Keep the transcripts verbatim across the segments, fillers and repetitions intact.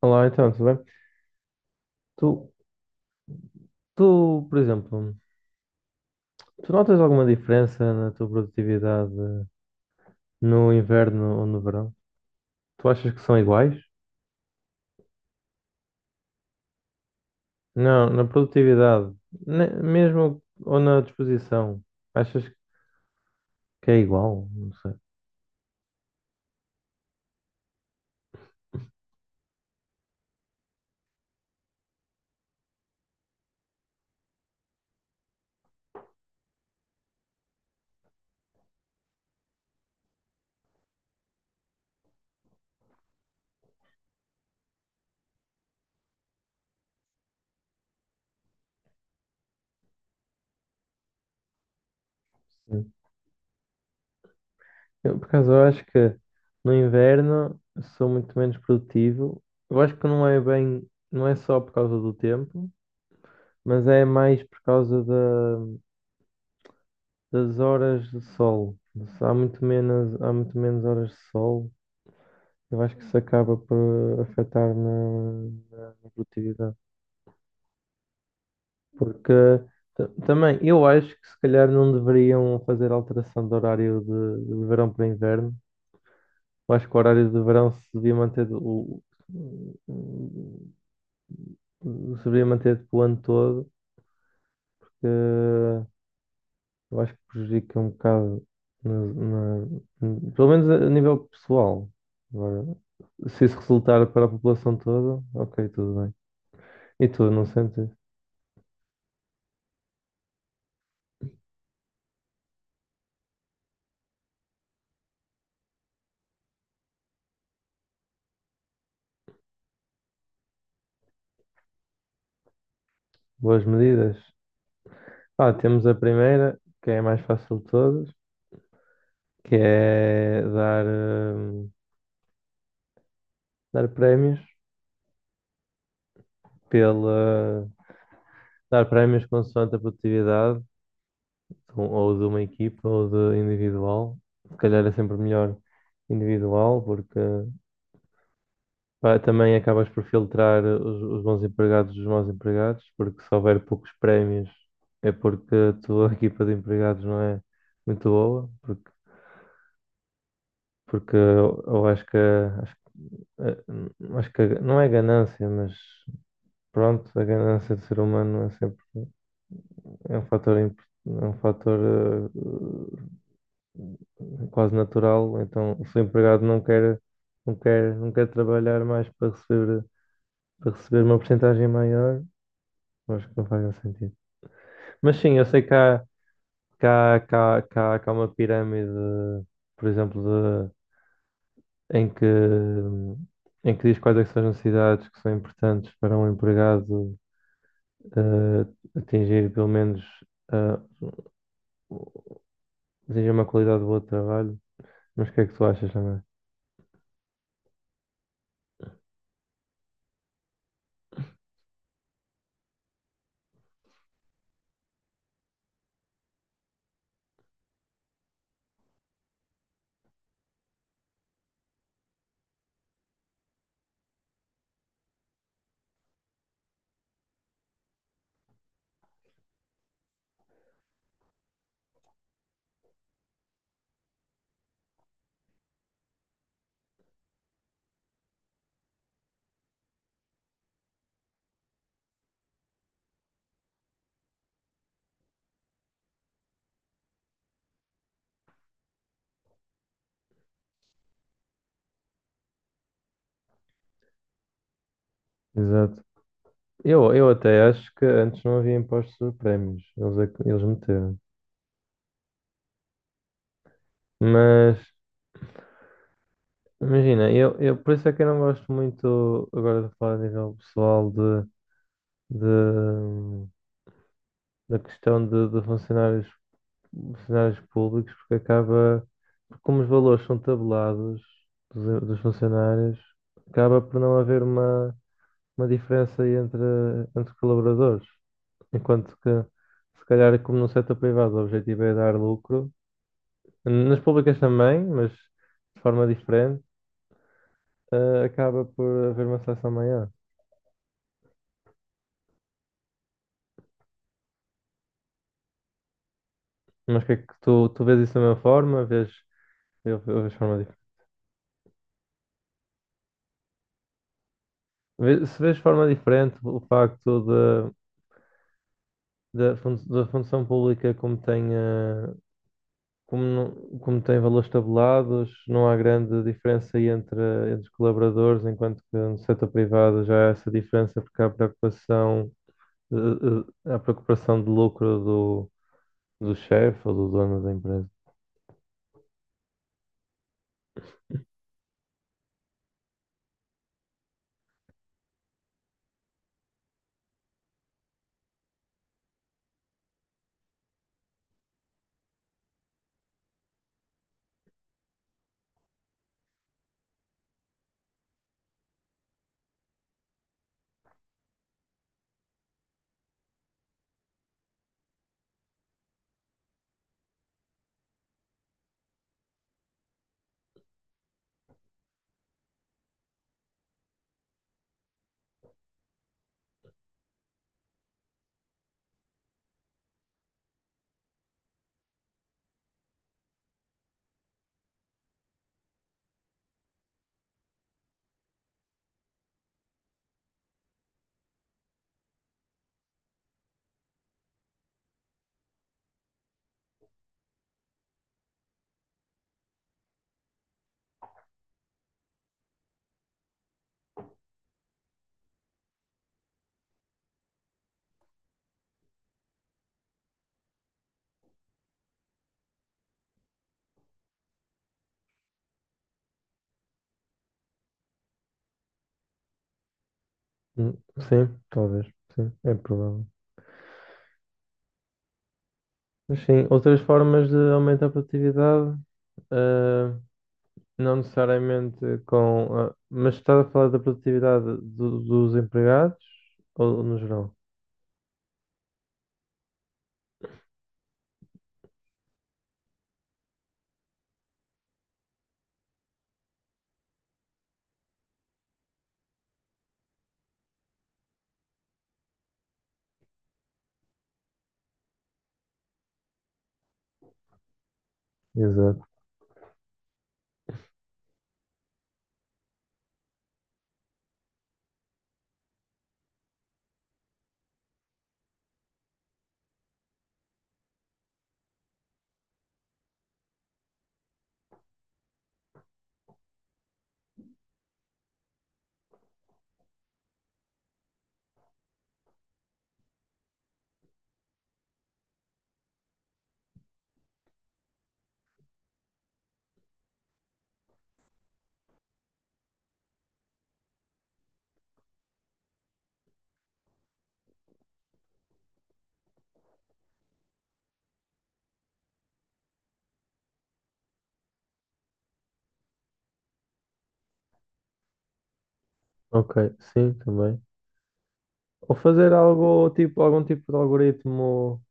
Olá, então, tudo bem? Tu, tu, por exemplo, tu notas alguma diferença na tua produtividade no inverno ou no verão? Tu achas que são iguais? Não, na produtividade, ne- mesmo ou na disposição, achas que é igual? Não sei. Sim. Eu, por acaso, eu acho que no inverno sou muito menos produtivo. Eu acho que não é bem, não é só por causa do tempo, mas é mais por causa da das horas de sol. Há muito menos, há muito menos horas de sol. Eu acho que isso acaba por afetar na, na produtividade. Porque ta- também eu acho que se calhar não deveriam fazer alteração do horário de, de verão para inverno. Eu acho que o horário de verão se devia manter o, o- se devia manter tipo, o ano todo. Eu acho que prejudica um bocado, na, na- pelo menos a, a nível pessoal. Agora, se isso resultar para a população toda, ok, tudo bem. E tu, não sentes boas medidas? Ah, temos a primeira, que é a mais fácil de todas, que é dar, hum, dar prémios pela, dar prémios consoante a produtividade, de um- ou de uma equipa, ou de individual. Se calhar é sempre melhor individual, porque pá, também acabas por filtrar os, os bons empregados dos maus empregados, porque se houver poucos prémios é porque a tua equipa de empregados não é muito boa, porque, porque eu, eu acho que, acho, eh, acho que a- não é ganância, mas pronto, a ganância do ser humano é sempre é um fator, imp- é um fator eh, quase natural, então se o empregado não quer, não quer, não quer trabalhar mais para receber, para receber uma porcentagem maior. Acho que não faz muito sentido. Mas sim, eu sei que há, que há, que há, que há, que há uma pirâmide, por exemplo, de, em que, em que diz quais é que são as necessidades que são importantes para um empregado eh, atingir pelo menos eh, atingir uma qualidade boa de trabalho. Mas o que é que tu achas também? Exato. Eu, eu até acho que antes não havia impostos sobre prémios, eles, é que- eles meteram. Mas imagina, eu, eu por isso é que eu não gosto muito agora de falar a nível pessoal de de- da questão de, de funcionários, funcionários públicos, porque acaba, porque como os valores são tabelados dos, dos funcionários, acaba por não haver uma, uma diferença aí entre, entre colaboradores. Enquanto que, se calhar, como no setor privado, o objetivo é dar lucro, nas públicas também, mas de forma diferente, eh, acaba por haver uma seleção maior. Mas o que é que tu, tu vês isso da mesma forma? Vês, eu, eu vejo de forma. Vê- Se vês de forma diferente o facto da da fun- da função pública como tem, eh, como, não- como tem valores tabelados, não há grande diferença aí entre, entre os colaboradores, enquanto que no setor privado já há essa diferença porque há preocupação, eh, eh, há preocupação de lucro do, do chefe ou do dono da empresa. Hum, Sim, talvez, sim, é provável. Mas sim, outras formas de aumentar a produtividade. eh, Não necessariamente com. Ah, mas estás a falar da produtividade do- dos empregados ou no geral? Exato. Ok, sim, também. Ou fazer algo tipo, algum tipo de algoritmo,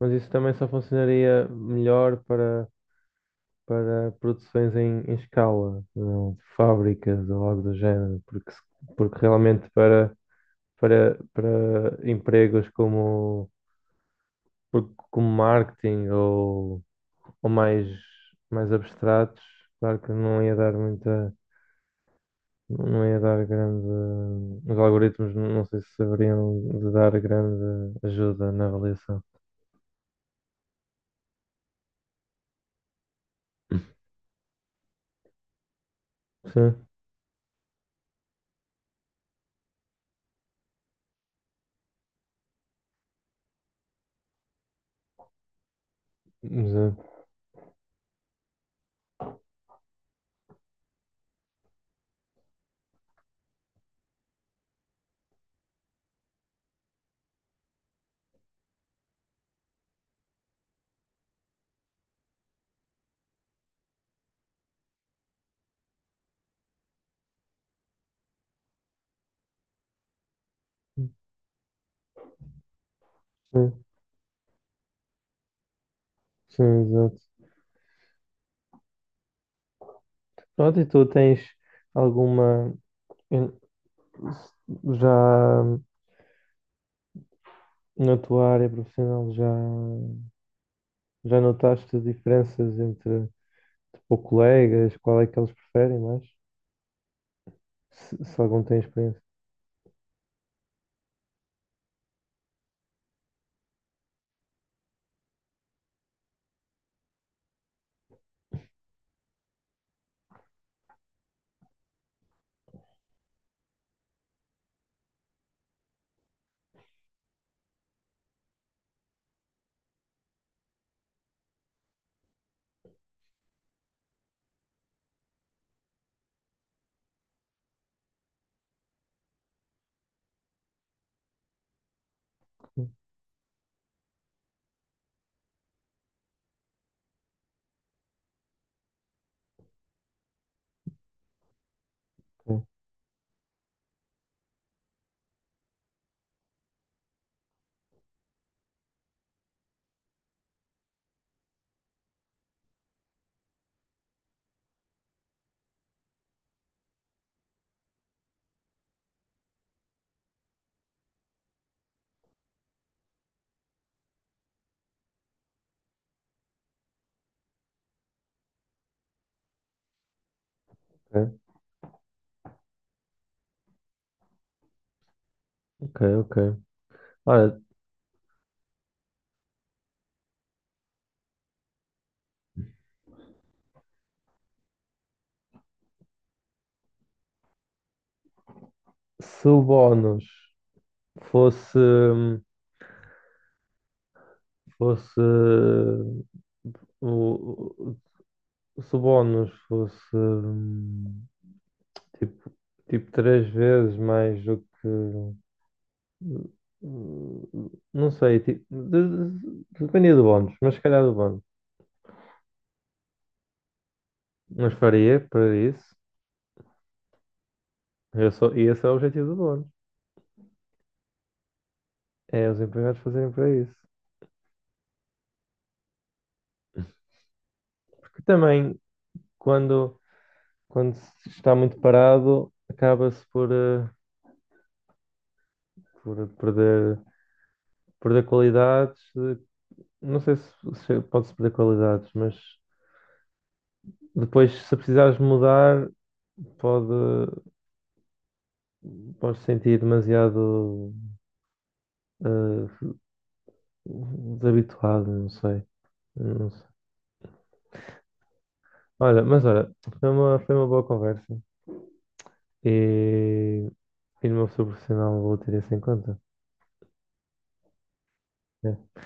mas isso também só funcionaria melhor para, para produções em, em escala, não, de fábricas ou algo do género, porque, se- porque realmente para, para, para empregos como, por- como marketing ou ou mais, mais abstratos, claro que não ia dar muita, não ia dar grande, os algoritmos não não sei se saberiam de dar grande ajuda na avaliação. Sim, exato. Sim, sim, exato. Pronto, e tu tens alguma, em- já na tua área profissional, já, já notaste diferenças entre tipo, colegas, qual é que eles preferem mais? Se, se algum tem experiência. Ok, ok, ok. Ora, se o bónus fosse, fosse o, o- se o bónus fosse hum, tipo, tipo três vezes mais do que hum, não sei, tipo, de- de- dependia do bónus, mas se calhar do bónus. Mas faria para isso. Eu sou, e esse é o objetivo do bónus. É os empregados fazerem para isso. Porque também quando, quando se está muito parado, acaba-se por. eh, por perder, perder qualidades. eh, Não sei se, se pode-se perder qualidades, mas depois, se precisares mudar, pode, podes sentir demasiado eh, desabituado, não sei. Não sei. Olha, mas olha, foi uma, foi uma boa conversa e, e no meu futuro profissional vou ter isso em conta. É,